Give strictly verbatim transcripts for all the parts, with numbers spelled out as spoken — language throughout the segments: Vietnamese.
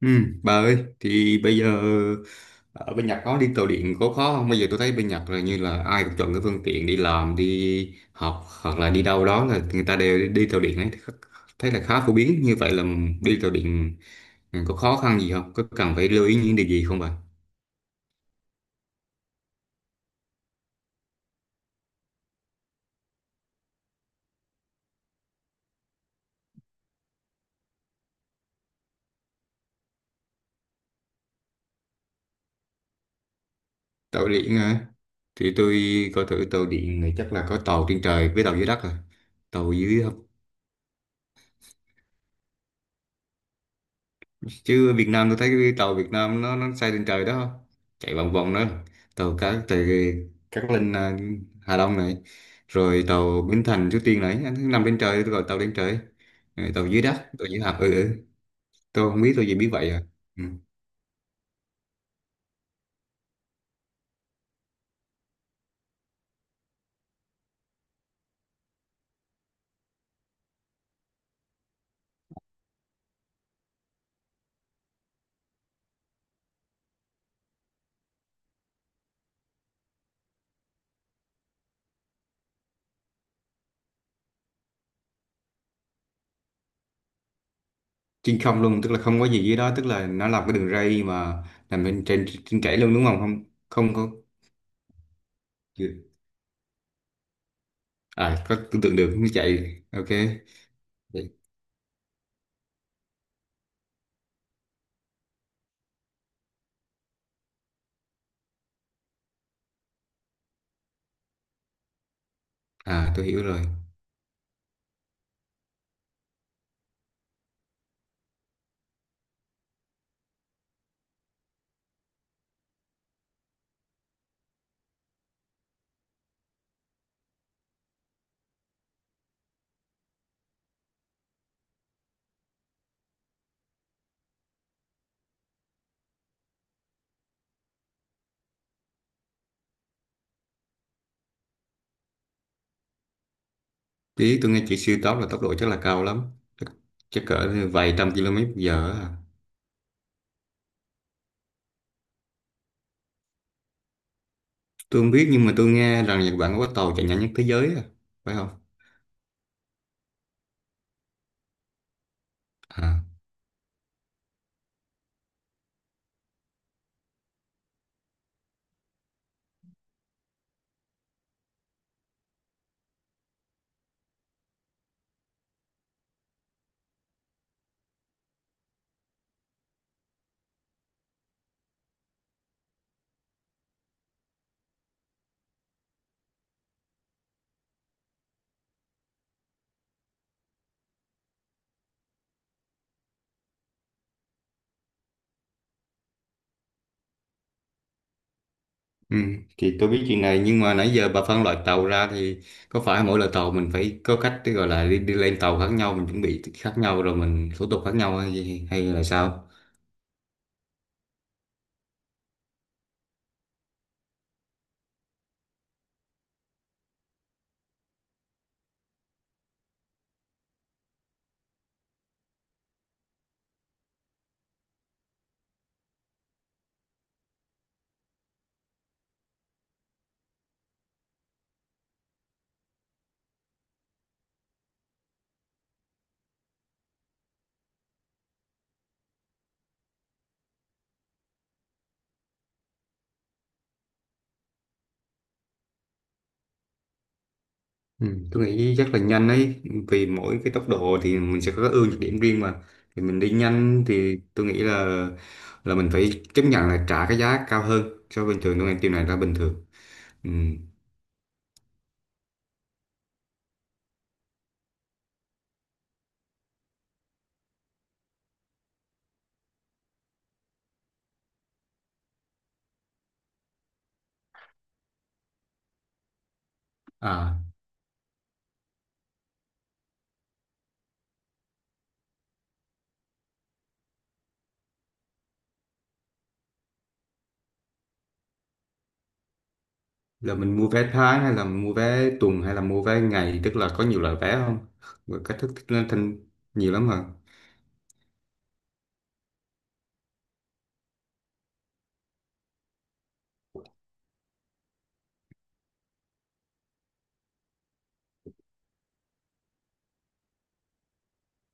Ừ, bà ơi, thì bây giờ ở bên Nhật có đi tàu điện có khó không? Bây giờ tôi thấy bên Nhật là như là ai cũng chọn cái phương tiện đi làm, đi học hoặc là đi đâu đó là người ta đều đi, đi tàu điện ấy. Thấy là khá phổ biến như vậy là đi tàu điện có khó khăn gì không? Có cần phải lưu ý những điều gì không bà? Tàu điện hả? Thì tôi coi thử tàu điện này chắc là có tàu trên trời với tàu dưới đất rồi. Tàu dưới chứ Việt Nam tôi thấy cái tàu Việt Nam nó nó xây lên trời đó, chạy vòng vòng đó, tàu cá từ Cát Linh à, Hà Đông này, rồi tàu Bến Thành Suối Tiên này, anh nằm trên trời, tôi gọi tàu lên trời. Rồi tàu dưới đất, tàu dưới hầm. Ừ, ừ. Tôi không biết, tôi chỉ biết vậy à. Ừ. Trên không luôn tức là không có gì dưới đó, tức là nó làm cái đường ray mà nằm bên trên trên chảy luôn đúng Không, không, không có. À, có tưởng tượng được nó chạy. Ok. Vậy. À, tôi hiểu rồi. Tí tôi nghe chị, siêu tốc là tốc độ chắc là cao lắm. Chắc, chắc cỡ vài trăm ki lô mét giờ á. Tôi không biết nhưng mà tôi nghe rằng Nhật Bản có tàu chạy nhanh nhất thế giới à. Phải không? À. Ừ, thì tôi biết chuyện này nhưng mà nãy giờ bà phân loại tàu ra thì có phải mỗi loại tàu mình phải có cách để gọi là đi, đi lên tàu khác nhau, mình chuẩn bị khác nhau, rồi mình thủ tục khác nhau, hay, hay là sao? Ừ, tôi nghĩ chắc là nhanh ấy, vì mỗi cái tốc độ thì mình sẽ có cái ưu nhược điểm riêng mà, thì mình đi nhanh thì tôi nghĩ là là mình phải chấp nhận là trả cái giá cao hơn so với bình thường, tôi nghĩ điều này là bình thường. Ừ. À, là mình mua vé tháng hay là mua vé tuần hay là mua vé ngày, tức là có nhiều loại vé không? Và cách thức lên thành nhiều lắm hả?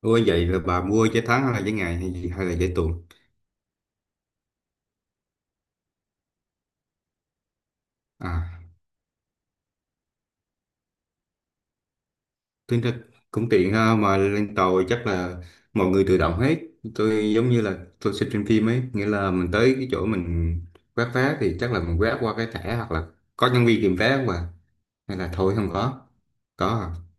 Ôi vậy là bà mua vé tháng hay là vé ngày hay gì hay là vé tuần? À. Tính ra cũng tiện ha, mà lên tàu chắc là mọi người tự động hết, tôi giống như là tôi xem trên phim ấy, nghĩa là mình tới cái chỗ mình quét vé thì chắc là mình quét qua cái thẻ hoặc là có nhân viên kiểm vé không à? Hay là thôi không có? Có à.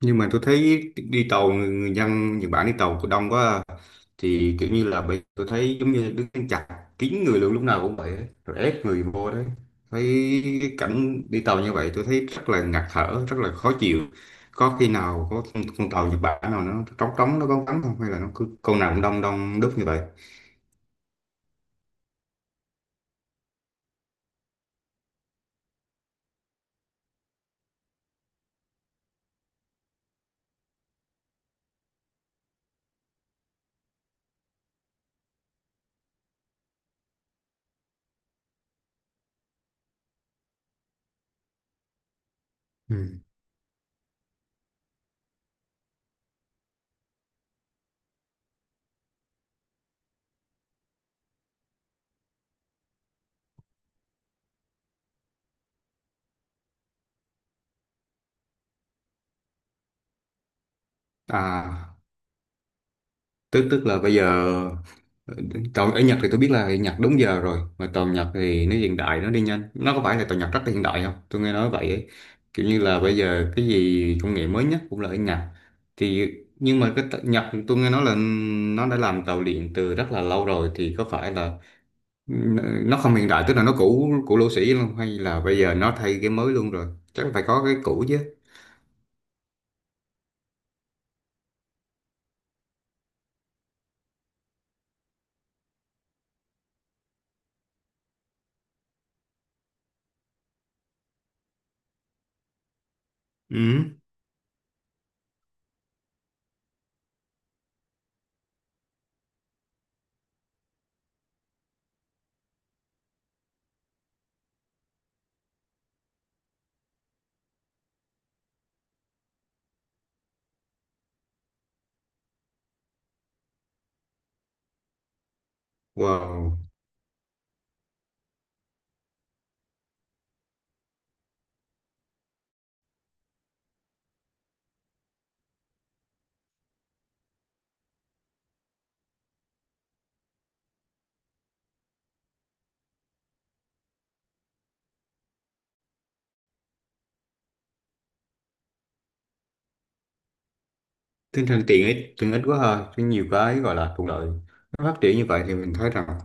Nhưng mà tôi thấy đi tàu người, người dân Nhật Bản đi tàu cũng đông quá à. Thì kiểu như là bây tôi thấy giống như đứng chặt kín người luôn, lúc nào cũng vậy ấy, rồi ép người vô đấy. Thấy cái cảnh đi tàu như vậy tôi thấy rất là ngạt thở, rất là khó chịu. Có khi nào có con con tàu Nhật Bản nào nó trống trống, nó vắng vắng không, hay là nó cứ con nào cũng đông đông đúc như vậy? Ừ. À, tức tức là bây giờ tàu ở Nhật thì tôi biết là Nhật đúng giờ rồi, mà tàu Nhật thì nó hiện đại, nó đi nhanh, nó có phải là tàu Nhật rất là hiện đại không? Tôi nghe nói vậy ấy. Kiểu như là bây giờ cái gì công nghệ mới nhất cũng là ở Nhật. Thì nhưng mà cái tàu Nhật tôi nghe nói là nó đã làm tàu điện từ rất là lâu rồi, thì có phải là nó không hiện đại, tức là nó cũ cũ lỗ sĩ luôn, hay là bây giờ nó thay cái mới luôn rồi? Chắc phải có cái cũ chứ. Ừ. Wow, tinh thần tiện ích tiện ích quá ha, có nhiều cái gọi là thuận lợi, nó phát triển như vậy thì mình thấy rằng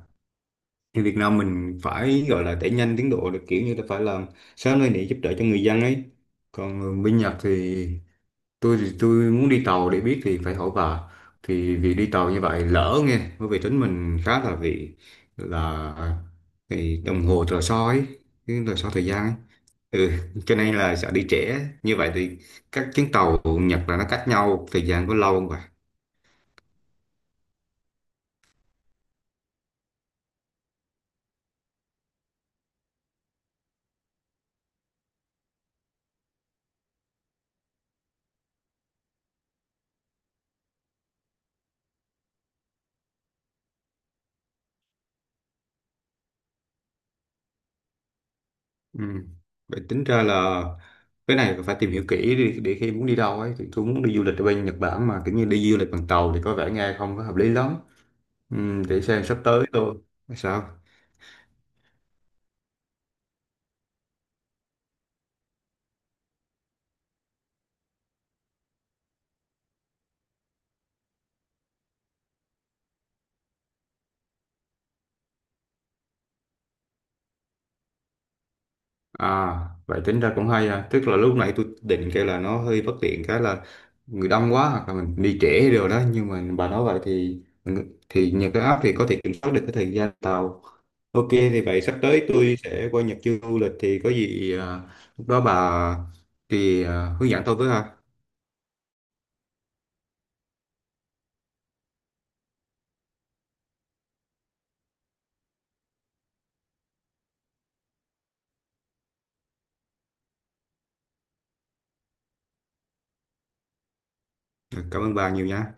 thì Việt Nam mình phải gọi là đẩy nhanh tiến độ được, kiểu như là phải làm sớm lên để giúp đỡ cho người dân ấy. Còn bên Nhật thì tôi thì tôi muốn đi tàu để biết thì phải hỏi bà. Thì vì đi tàu như vậy lỡ nghe, bởi vì tính mình khá là vì là thì đồng hồ tờ soi ấy, cái tờ soi thời gian ấy. Ừ, cho nên là sợ đi trễ. Như vậy thì các chuyến tàu Nhật là nó cách nhau thời gian có lâu không? Ừ. Vậy tính ra là cái này phải tìm hiểu kỹ để, để khi muốn đi đâu ấy, thì tôi muốn đi du lịch ở bên Nhật Bản mà kiểu như đi du lịch bằng tàu thì có vẻ nghe không có hợp lý lắm. Ừ, để xem sắp tới tôi sao. À, vậy tính ra cũng hay à, tức là lúc nãy tôi định kêu là nó hơi bất tiện, cái là người đông quá hoặc là mình đi trễ rồi đó, nhưng mà bà nói vậy thì thì nhờ cái app thì có thể kiểm soát được cái thời gian tàu. Ok thì vậy sắp tới tôi sẽ qua Nhật du lịch thì có gì à, lúc đó bà thì à, hướng dẫn tôi với ha. Cảm ơn bà nhiều nha.